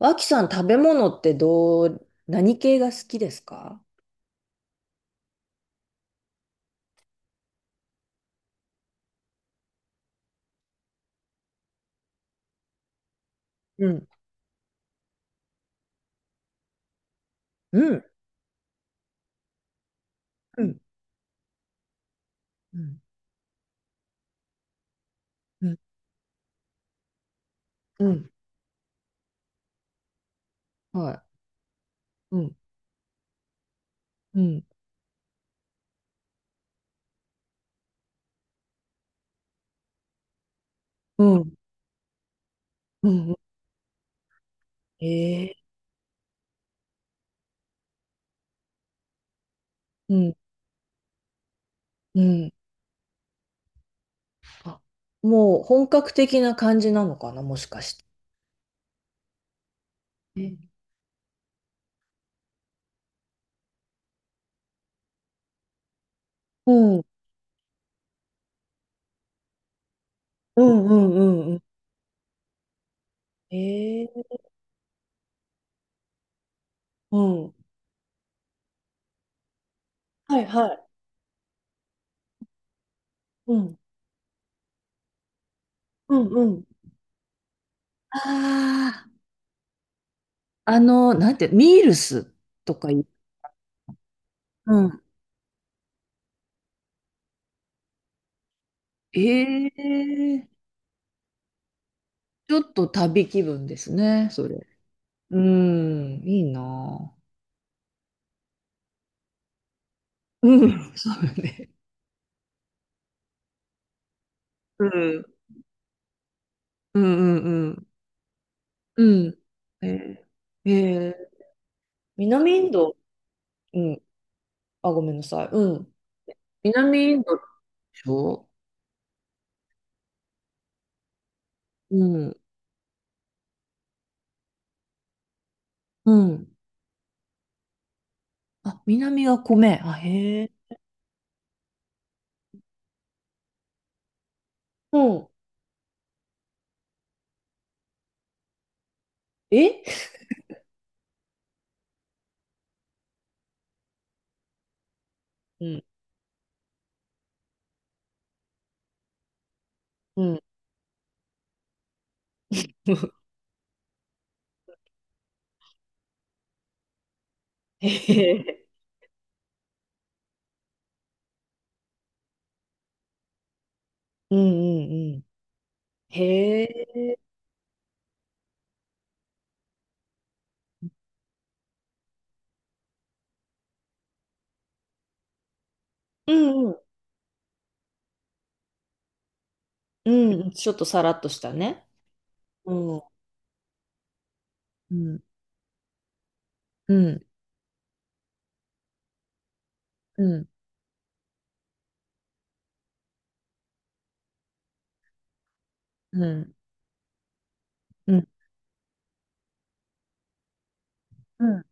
脇さん、食べ物ってどう、何系が好きですか？うん、うん、うん、うん、うん、うん、はい。うん、うん、うん、うんうんー、うん、うん。あ、もう本格的な感じなのかな、もしかして。え、うん、うん、うん、うんうんえー、うん。はい、はい。うん、うん、うん。ああ、なんて、ミールスとかい、うん。ええ、ちょっと旅気分ですね、それ。うーん、いいなぁ。うん。そうよね。うん。うんうんうん。うん。えー、えー、南インド、うん。あ、ごめんなさい。うん。南インドでしょ？うん。うん。あ、南は米。あ、へえ。うん。え、うん。うん。へえ。うんうんうん。へえ。うんうん。うん。ちょっとさらっとしたね。うん。うん。うん。うん。うん。うん。うん。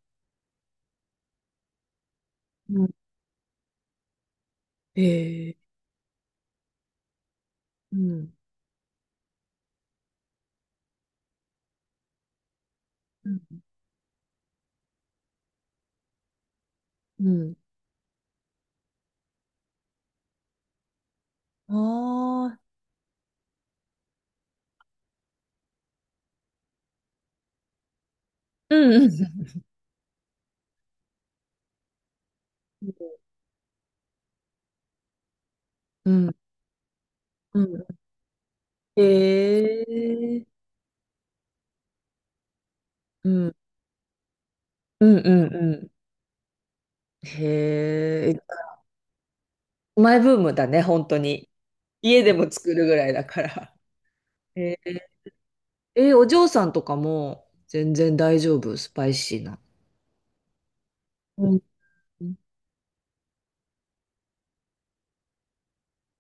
うん、ええ、うん。うん。うん。ああ、うん。うんうん。うん、へえ。うん。うんうんうん。へえ。マイブームだね、本当に。家でも作るぐらいだから。へえ。え、お嬢さんとかも全然大丈夫、スパイシーな。うん。うん。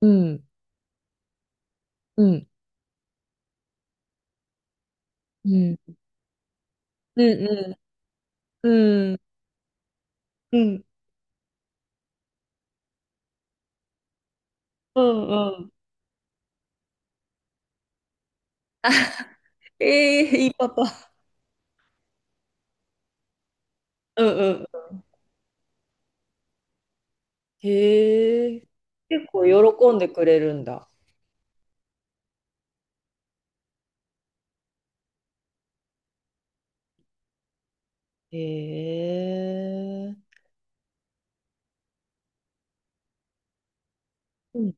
うん。うん。うん。うん。うん。うん。うん。あ、ええ、いいパパ。うん、へえ。結構喜んでくれるんだ。へえ。うん。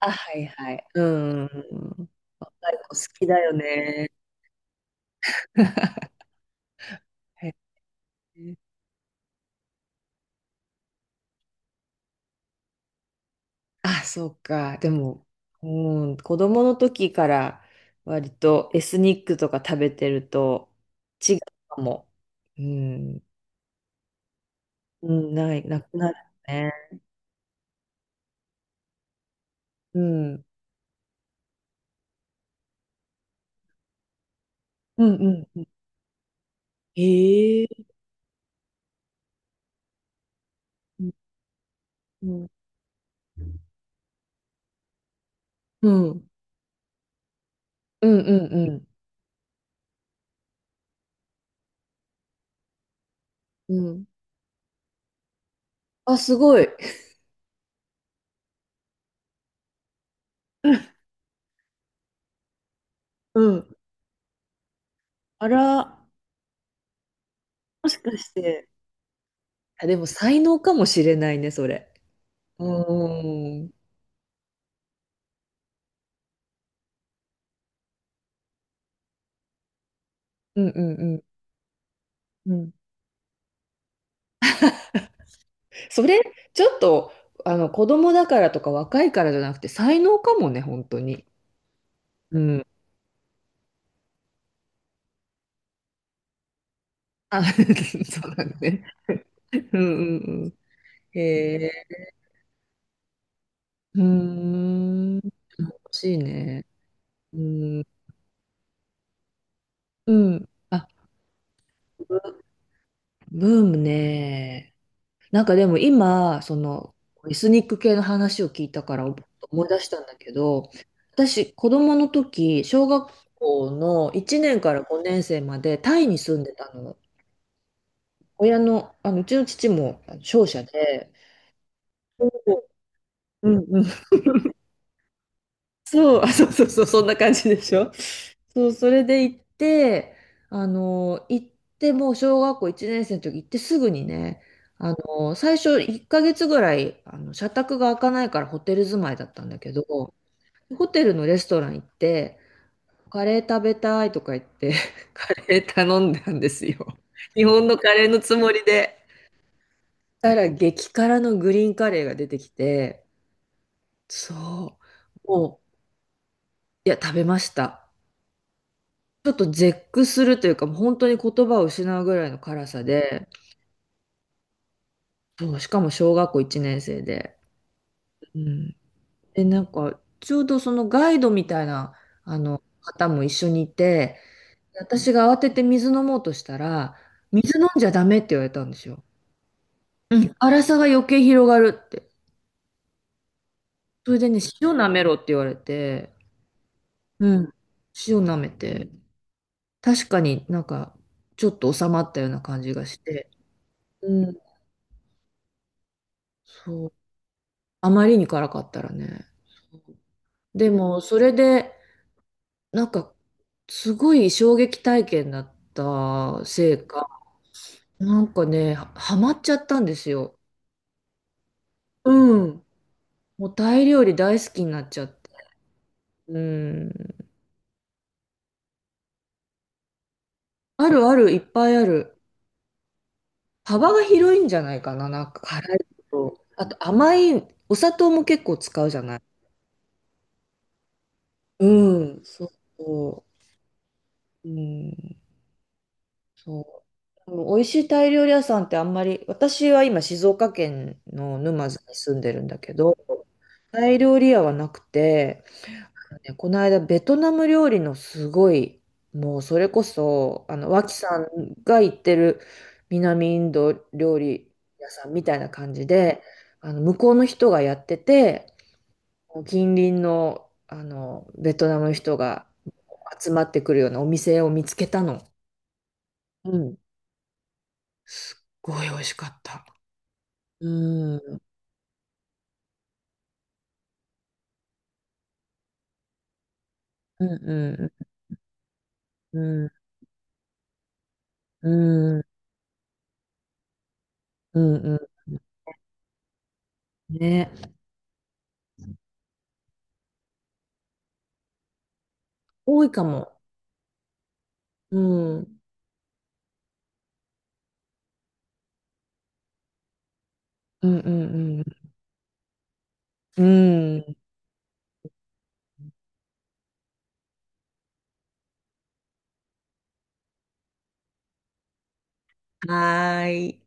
あ、はいはい。うん。若い子好きだよね。へえ。あ、そうか。でも、うん、子供の時から割とエスニックとか食べてると違うかも。うん、うん、ない、なくなるね。うん、うん、うん。へえ。うん、うん、うん、うん、うん。うん、あ、すごい。うん。あら、もしかして。あ、でも才能かもしれないね、それ。うーん。うんうんうん。うん。それ、ちょっと、子供だからとか若いからじゃなくて、才能かもね、本当に。うん。あ、そうだね。うんうんうん。へえ。うーん。欲しいね。うん。うん。あ、ブブームね。なんかでも今、その、エスニック系の話を聞いたから思い出したんだけど、私、子供の時、小学校の1年から5年生までタイに住んでたの。親の、うちの父も商社で、うんうん、そう、あ、そうそうそう、そんな感じでしょ。そう、それで行って、あの、行っもう小学校1年生の時行ってすぐにね、最初1ヶ月ぐらい、社宅が開かないからホテル住まいだったんだけど、ホテルのレストラン行って、カレー食べたいとか言って、カレー頼んだんですよ。日本のカレーのつもりで。したら激辛のグリーンカレーが出てきて、そう、もう、いや、食べました。ちょっと絶句するというか、もう本当に言葉を失うぐらいの辛さで、そう、しかも小学校1年生で。うん。で、なんか、ちょうどそのガイドみたいな、方も一緒にいて、私が慌てて水飲もうとしたら、水飲んじゃダメって言われたんですよ。うん。辛さが余計広がるって。それでね、塩舐めろって言われて、うん。塩舐めて、確かになんか、ちょっと収まったような感じがして、うん。そう、あまりに辛かったらね。でも、それで、なんか、すごい衝撃体験だったせいか、なんかね、ハマっちゃったんですよ。うん。もうタイ料理大好きになっちゃって。うん。あるある、いっぱいある。幅が広いんじゃないかな、なんか辛いと。あと甘い、お砂糖も結構使うじゃない。うん、そうそう。うん。そう。もう美味しいタイ料理屋さんってあんまり、私は今静岡県の沼津に住んでるんだけど、タイ料理屋はなくて、ね、この間ベトナム料理のすごい、もうそれこそ、脇さんが行ってる南インド料理屋さんみたいな感じで、向こうの人がやってて、近隣の、ベトナムの人が集まってくるようなお店を見つけたの。うん、すっごい美味しかった。うん、うん、うん、うん、うん、うんうんね。多いかも。うん、うん、うん、うん。うん、はーい。